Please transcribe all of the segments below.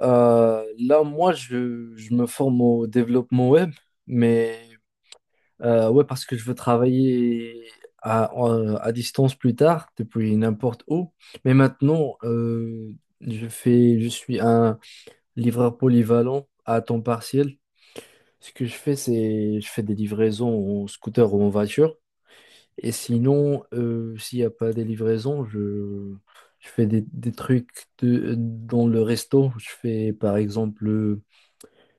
Là, moi, je me forme au développement web, mais ouais, parce que je veux travailler à distance plus tard, depuis n'importe où. Mais maintenant, je suis un livreur polyvalent à temps partiel. Ce que je fais, c'est je fais des livraisons en scooter ou en voiture. Et sinon, s'il n'y a pas des livraisons, je fais des trucs dans le resto. Je fais par exemple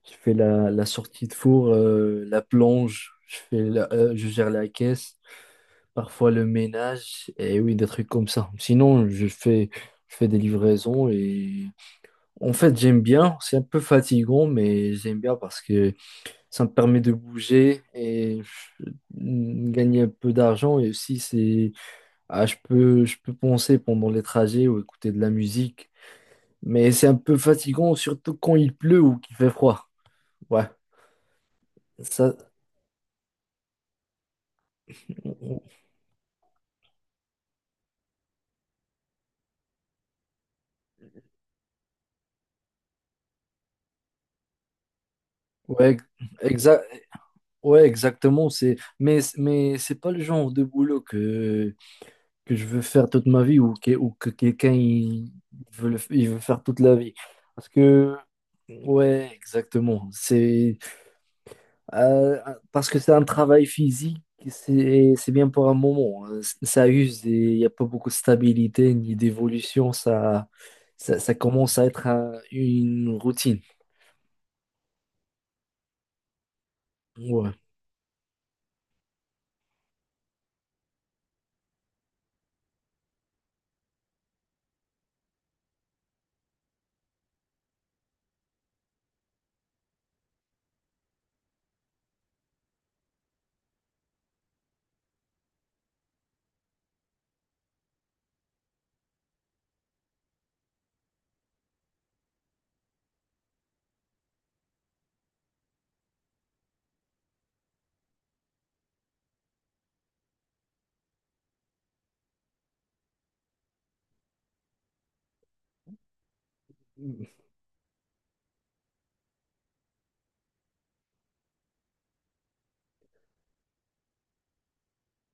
je fais la sortie de four, la plonge, je gère la caisse, parfois le ménage, et oui, des trucs comme ça. Sinon, je fais des livraisons et en fait, j'aime bien. C'est un peu fatigant, mais j'aime bien parce que ça me permet de bouger et gagner un peu d'argent. Et aussi, c'est, ah, je peux penser pendant les trajets ou écouter de la musique. Mais c'est un peu fatigant, surtout quand il pleut ou qu'il fait froid. Ouais, ça. Ouais, exa- ouais, exactement. C'est, mais c'est pas le genre de boulot que je veux faire toute ma vie ou ou que quelqu'un il il veut faire toute la vie. Parce que, ouais, exactement. C'est, euh, parce que c'est un travail physique, c'est bien pour un moment. Ça use et il n'y a pas beaucoup de stabilité ni d'évolution. Ça commence à être une routine. Ouais.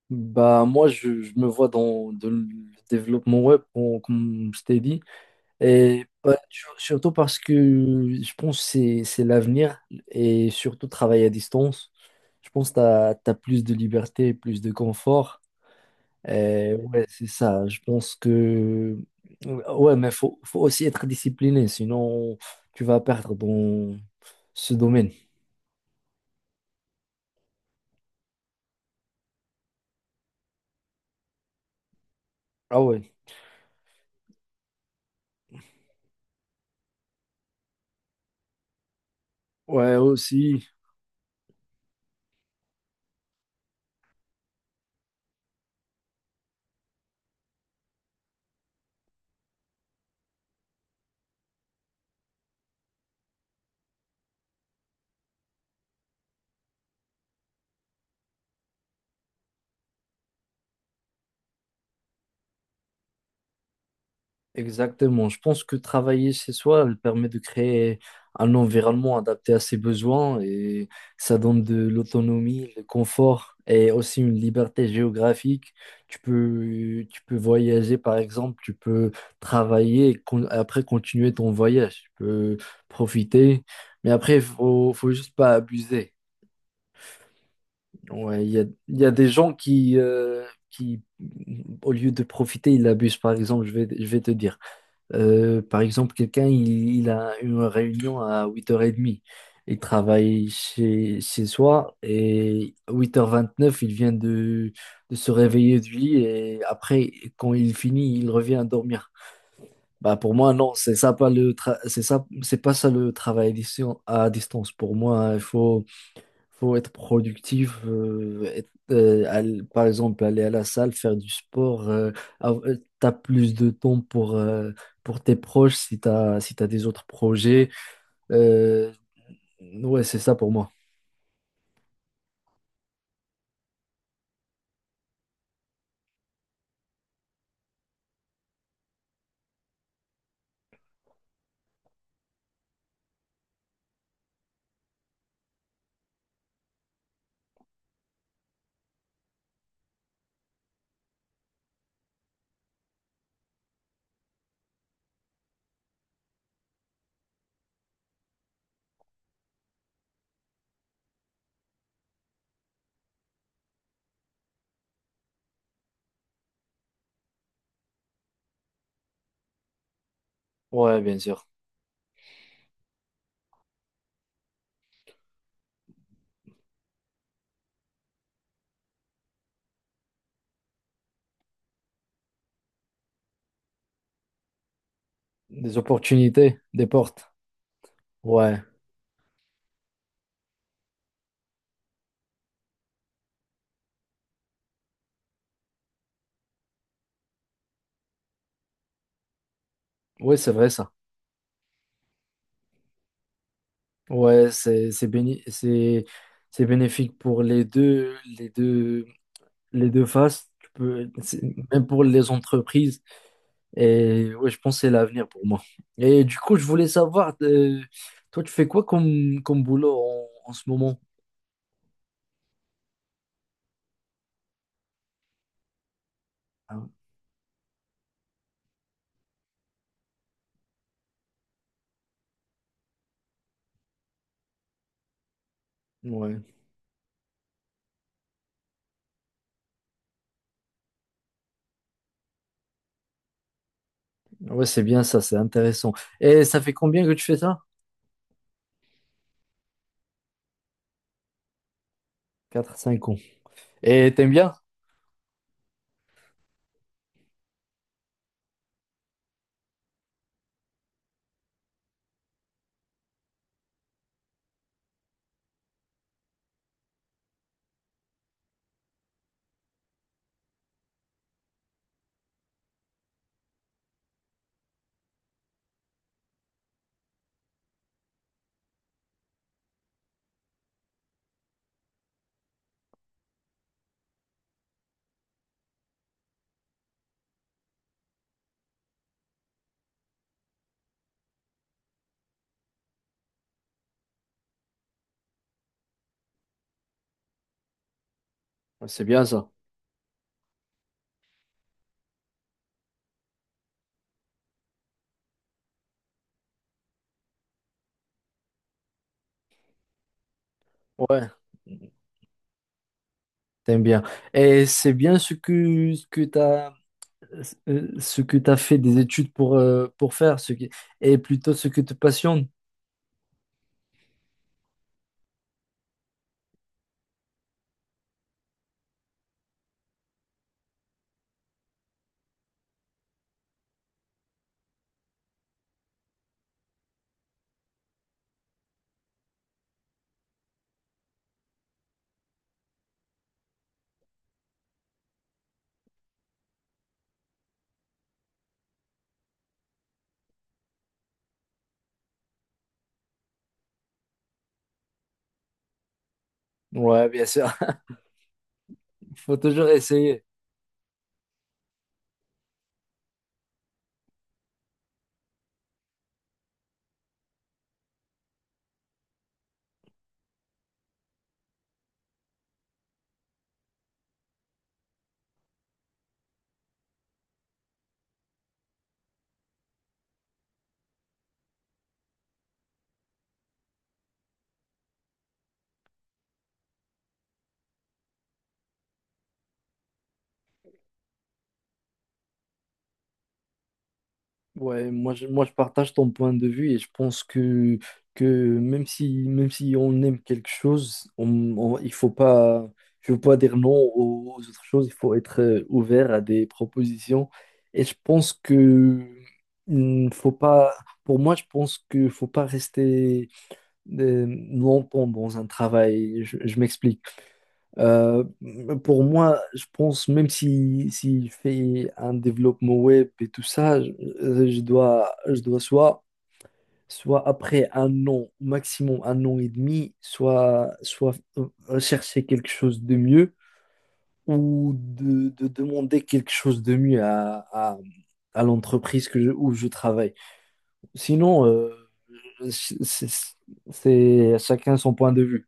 Bah, moi, je me vois dans le développement web, comme je t'ai dit, et bah, surtout parce que je pense que c'est l'avenir, et surtout travailler à distance. Je pense que tu as, plus de liberté, plus de confort. Et ouais, c'est ça. Je pense que... Ouais, mais faut aussi être discipliné, sinon tu vas perdre dans ce domaine. Ah ouais. Ouais, aussi. Exactement. Je pense que travailler chez soi, elle permet de créer un environnement adapté à ses besoins et ça donne de l'autonomie, le confort et aussi une liberté géographique. Tu peux voyager, par exemple, tu peux travailler et après continuer ton voyage. Tu peux profiter, mais après, faut juste pas abuser. Ouais, il y a des gens qui, au lieu de profiter, ils abusent. Par exemple, je vais te dire. Par exemple, quelqu'un, il a une réunion à 8h30. Il travaille chez soi et à 8h29 il vient de se réveiller du lit et après, quand il finit, il revient dormir. Bah, pour moi, non, c'est ça, c'est pas ça le travail à distance. Pour moi, faut être productif, par exemple aller à la salle, faire du sport. T'as plus de temps pour tes proches si t'as des autres projets. Euh, ouais, c'est ça pour moi. Ouais, bien sûr. Des opportunités, des portes. Ouais, ouais, c'est vrai ça. Ouais, c'est béni- c'est bénéfique pour les deux faces. Même pour les entreprises. Et ouais, je pense que c'est l'avenir pour moi. Et du coup, je voulais savoir, toi, tu fais quoi comme boulot en ce moment? Ah, ouais, ouais, c'est bien ça, c'est intéressant. Et ça fait combien que tu fais ça? Quatre cinq ans. Et t'aimes bien? Ouais, c'est bien ça. Ouais, t'aimes bien. Et c'est bien ce que ce que t'as fait des études pour faire, ce qui, et plutôt ce que te passionne. Ouais, bien sûr. Faut toujours essayer. Ouais, moi je partage ton point de vue et je pense que même si on aime quelque chose, il faut pas, je veux pas dire non aux autres choses, il faut être ouvert à des propositions. Et je pense que faut pas, pour moi, je pense que faut pas rester euh, longtemps dans un travail. Je m'explique. Euh, pour moi, je pense, même si, s'il fait un développement web et tout ça, je dois soit après 1 an, maximum 1 an et demi, soit, soit chercher quelque chose de mieux ou de demander quelque chose de mieux à l'entreprise où je travaille. Sinon, c'est c'est- c'est chacun son point de vue.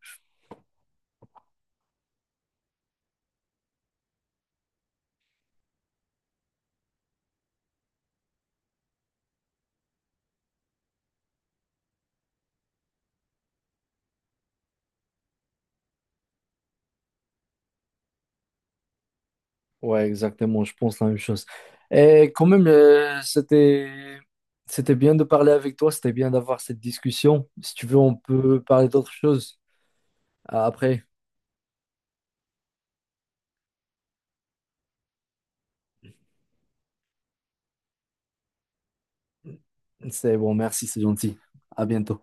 Ouais, exactement, je pense la même chose. Et quand même, c'était bien de parler avec toi, c'était bien d'avoir cette discussion. Si tu veux, on peut parler d'autres choses après. C'est bon, merci, c'est gentil. À bientôt.